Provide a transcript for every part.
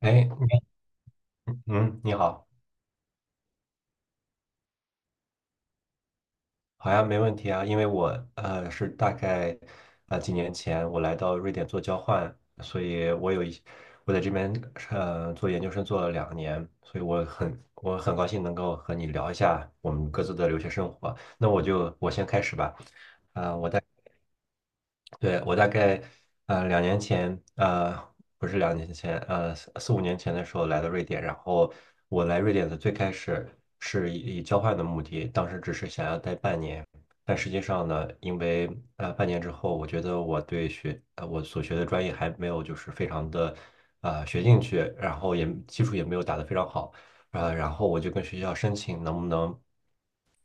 哎，嗯，你好。好呀，没问题啊，因为我是大概几年前我来到瑞典做交换，所以我有一我在这边做研究生做了两年，所以我很高兴能够和你聊一下我们各自的留学生活。那我先开始吧。啊，我对，我大概两年前，不是两年前，四五年前的时候来到瑞典，然后我来瑞典的最开始是以交换的目的，当时只是想要待半年。但实际上呢，因为半年之后，我觉得我所学的专业还没有就是非常的学进去，然后也基础也没有打得非常好。然后我就跟学校申请能不能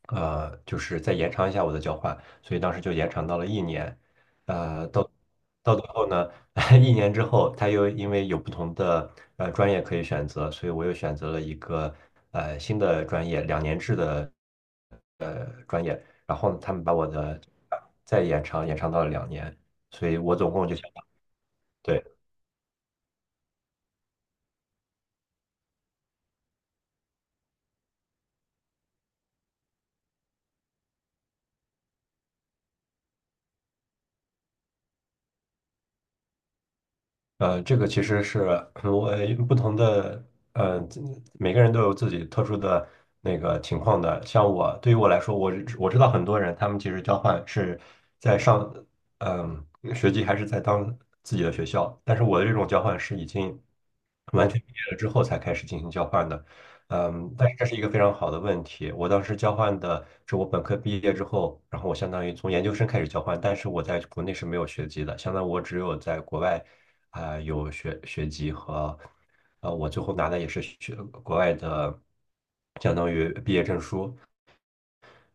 就是再延长一下我的交换，所以当时就延长到了一年。到最后呢，一年之后，他又因为有不同的专业可以选择，所以我又选择了一个新的专业，2年制的。然后呢他们把我的再延长到了两年，所以我总共就想。对。这个其实是我不同的，呃，每个人都有自己特殊的那个情况的。像我，对于我来说，我知道很多人，他们其实交换是在上，嗯、学籍还是在当自己的学校，但是我的这种交换是已经完全毕业了之后才开始进行交换的。嗯，但是这是一个非常好的问题。我当时交换的是我本科毕业之后，然后我相当于从研究生开始交换，但是我在国内是没有学籍的，相当于我只有在国外。有学籍和，我最后拿的也是国外的，相当于毕业证书。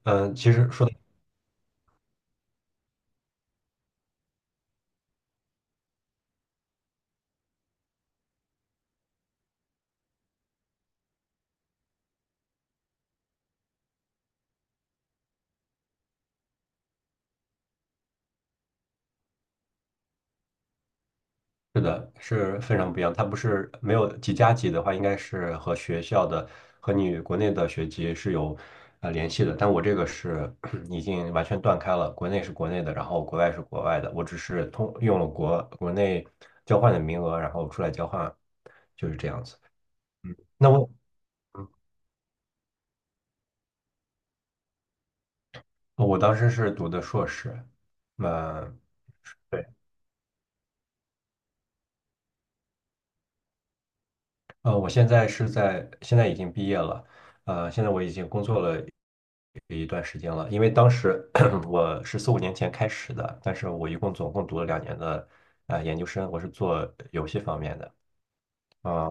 嗯，其实说的是的，是非常不一样。它不是没有几加几的话，应该是和学校的和你国内的学籍是有联系的。但我这个是 已经完全断开了，国内是国内的，然后国外是国外的。我只是通用了国内交换的名额，然后出来交换，就是这样子。嗯，那我当时是读的硕士。嗯，对，我现在是在，现在已经毕业了。现在我已经工作了一段时间了，因为当时 我是四五年前开始的，但是我一共总共读了两年的研究生，我是做游戏方面的。啊。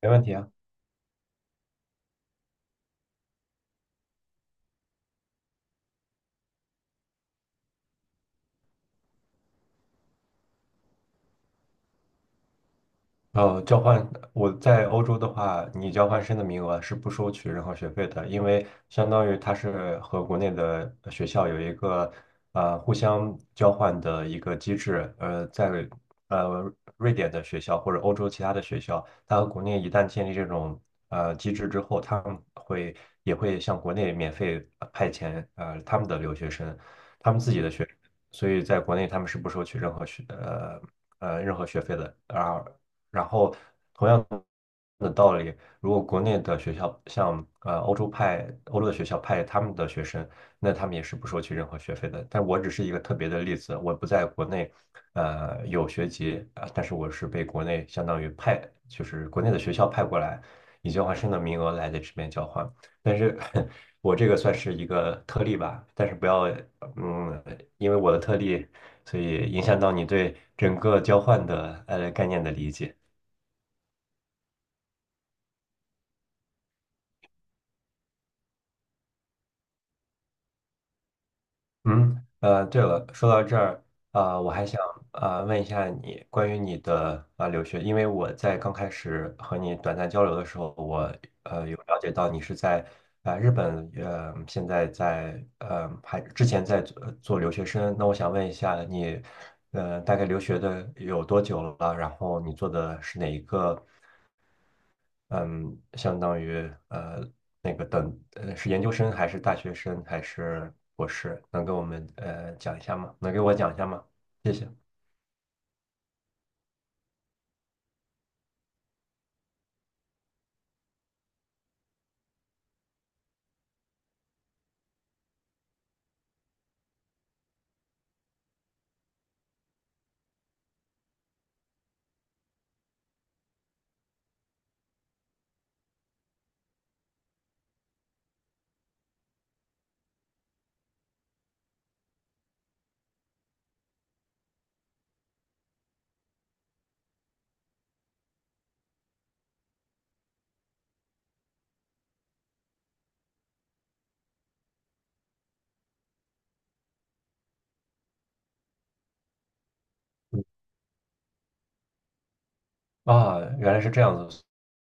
没问题啊。交换我在欧洲的话，你交换生的名额是不收取任何学费的，因为相当于它是和国内的学校有一个互相交换的一个机制。在瑞典的学校或者欧洲其他的学校，它和国内一旦建立这种机制之后，他们也会向国内免费派遣他们的留学生，他们自己的学生，所以在国内他们是不收取任何学费的。啊。然后同样的道理，如果国内的学校像欧洲的学校派他们的学生，那他们也是不收取任何学费的。但我只是一个特别的例子，我不在国内有学籍啊，但是我是被国内相当于派，就是国内的学校派过来，以交换生的名额来在这边交换。但是 我这个算是一个特例吧，但是不要嗯，因为我的特例，所以影响到你对整个交换的概念的理解。嗯，对了，说到这儿，我还想问一下你关于你的留学，因为我在刚开始和你短暂交流的时候，我有了解到你是在日本，现在在还之前在做留学生，那我想问一下你，大概留学的有多久了？然后你做的是哪一个嗯，相当于那个是研究生还是大学生还是博士？能给我们讲一下吗？能给我讲一下吗？谢谢。啊，原来是这样子，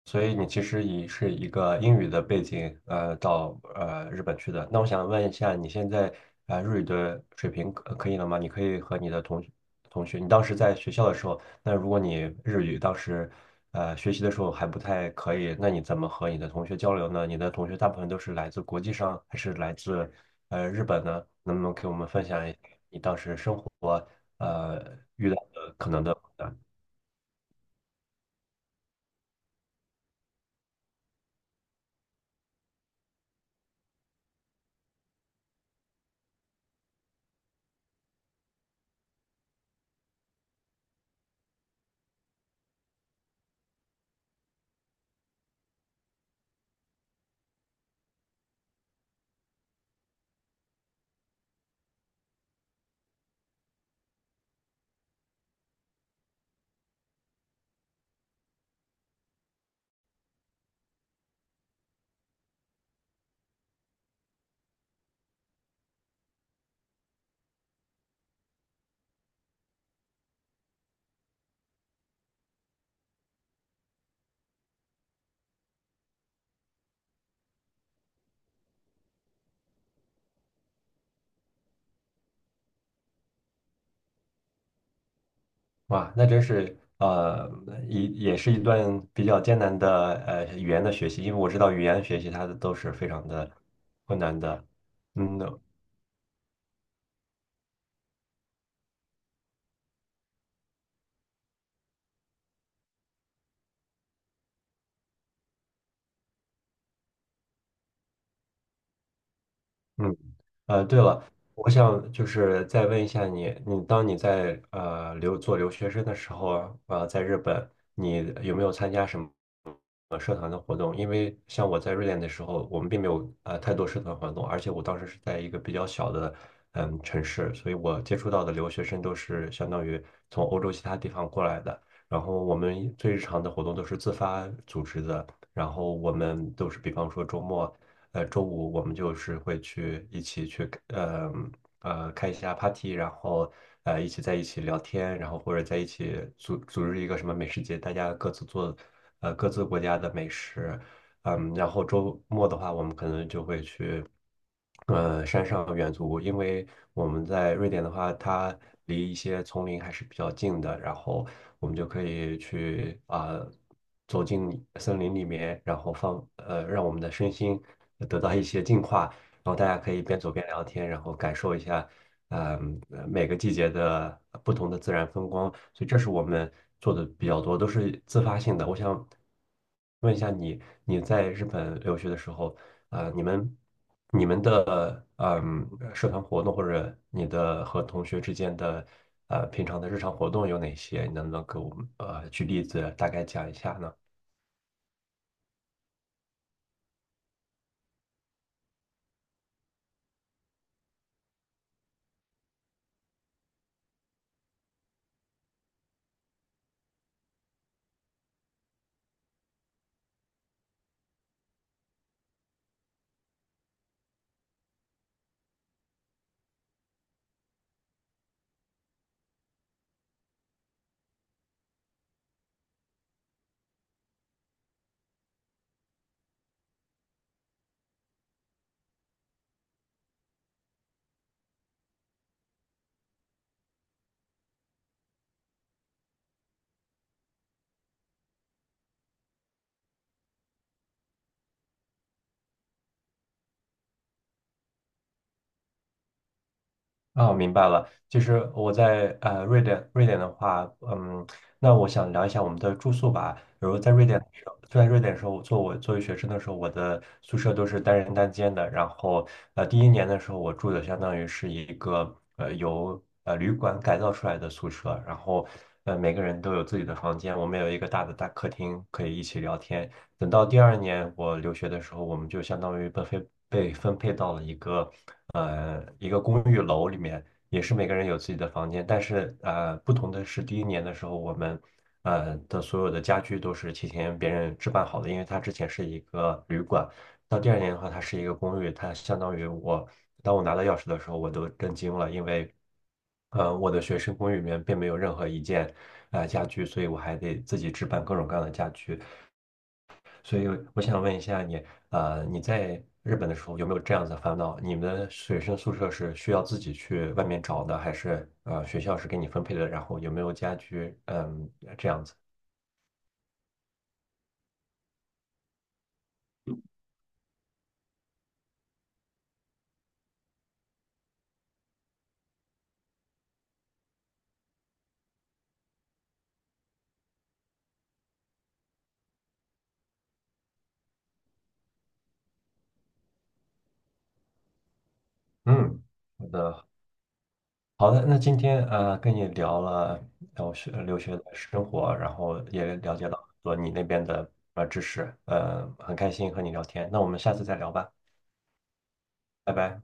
所以你其实以是一个英语的背景，到日本去的。那我想问一下，你现在日语的水平可以了吗？你可以和你的同学，你当时在学校的时候，那如果你日语当时学习的时候还不太可以，那你怎么和你的同学交流呢？你的同学大部分都是来自国际上，还是来自日本呢？能不能给我们分享一下你当时生活呃遇到的可能的？哇，那真是也是一段比较艰难的语言的学习，因为我知道语言学习它的都是非常的困难的。嗯嗯，对了，我想就是再问一下你，你在做留学生的时候，在日本，你有没有参加什么？社团的活动，因为像我在瑞典的时候，我们并没有太多社团活动，而且我当时是在一个比较小的城市，所以我接触到的留学生都是相当于从欧洲其他地方过来的。然后我们最日常的活动都是自发组织的，然后我们都是比方说周末，周五我们就是会一起去开一下 party,然后呃一起在一起聊天，然后或者在一起组织一个什么美食节，大家各自做各自国家的美食。然后周末的话，我们可能就会去山上远足，因为我们在瑞典的话，它离一些丛林还是比较近的，然后我们就可以去走进森林里面，然后让我们的身心得到一些净化。然后大家可以边走边聊天，然后感受一下，每个季节的不同的自然风光。所以这是我们做的比较多，都是自发性的。我想问一下你，你在日本留学的时候，啊、你们你们的社团活动或者你的和同学之间的平常的日常活动有哪些？你能不能给我们举例子，大概讲一下呢？哦，明白了。其实我在瑞典，的话，那我想聊一下我们的住宿吧。比如在瑞典的时候我作为学生的时候，我的宿舍都是单人单间的。然后第一年的时候，我住的相当于是一个由旅馆改造出来的宿舍，然后每个人都有自己的房间，我们有一个大的大客厅可以一起聊天。等到第二年我留学的时候，我们就相当于被分配到了一个一个公寓楼里面，也是每个人有自己的房间，但是不同的是，第一年的时候我们的所有的家具都是提前别人置办好的，因为它之前是一个旅馆，到第二年的话它是一个公寓，它相当于当我拿到钥匙的时候我都震惊了，因为我的学生公寓里面并没有任何一件家具，所以我还得自己置办各种各样的家具。所以我想问一下你，你在日本的时候有没有这样子的烦恼？你们的学生宿舍是需要自己去外面找的，还是学校是给你分配的？然后有没有家居？嗯，这样子。嗯，好的，好的。那今天跟你聊了然后留学的生活，然后也了解了很多你那边的知识，很开心和你聊天。那我们下次再聊吧，拜拜。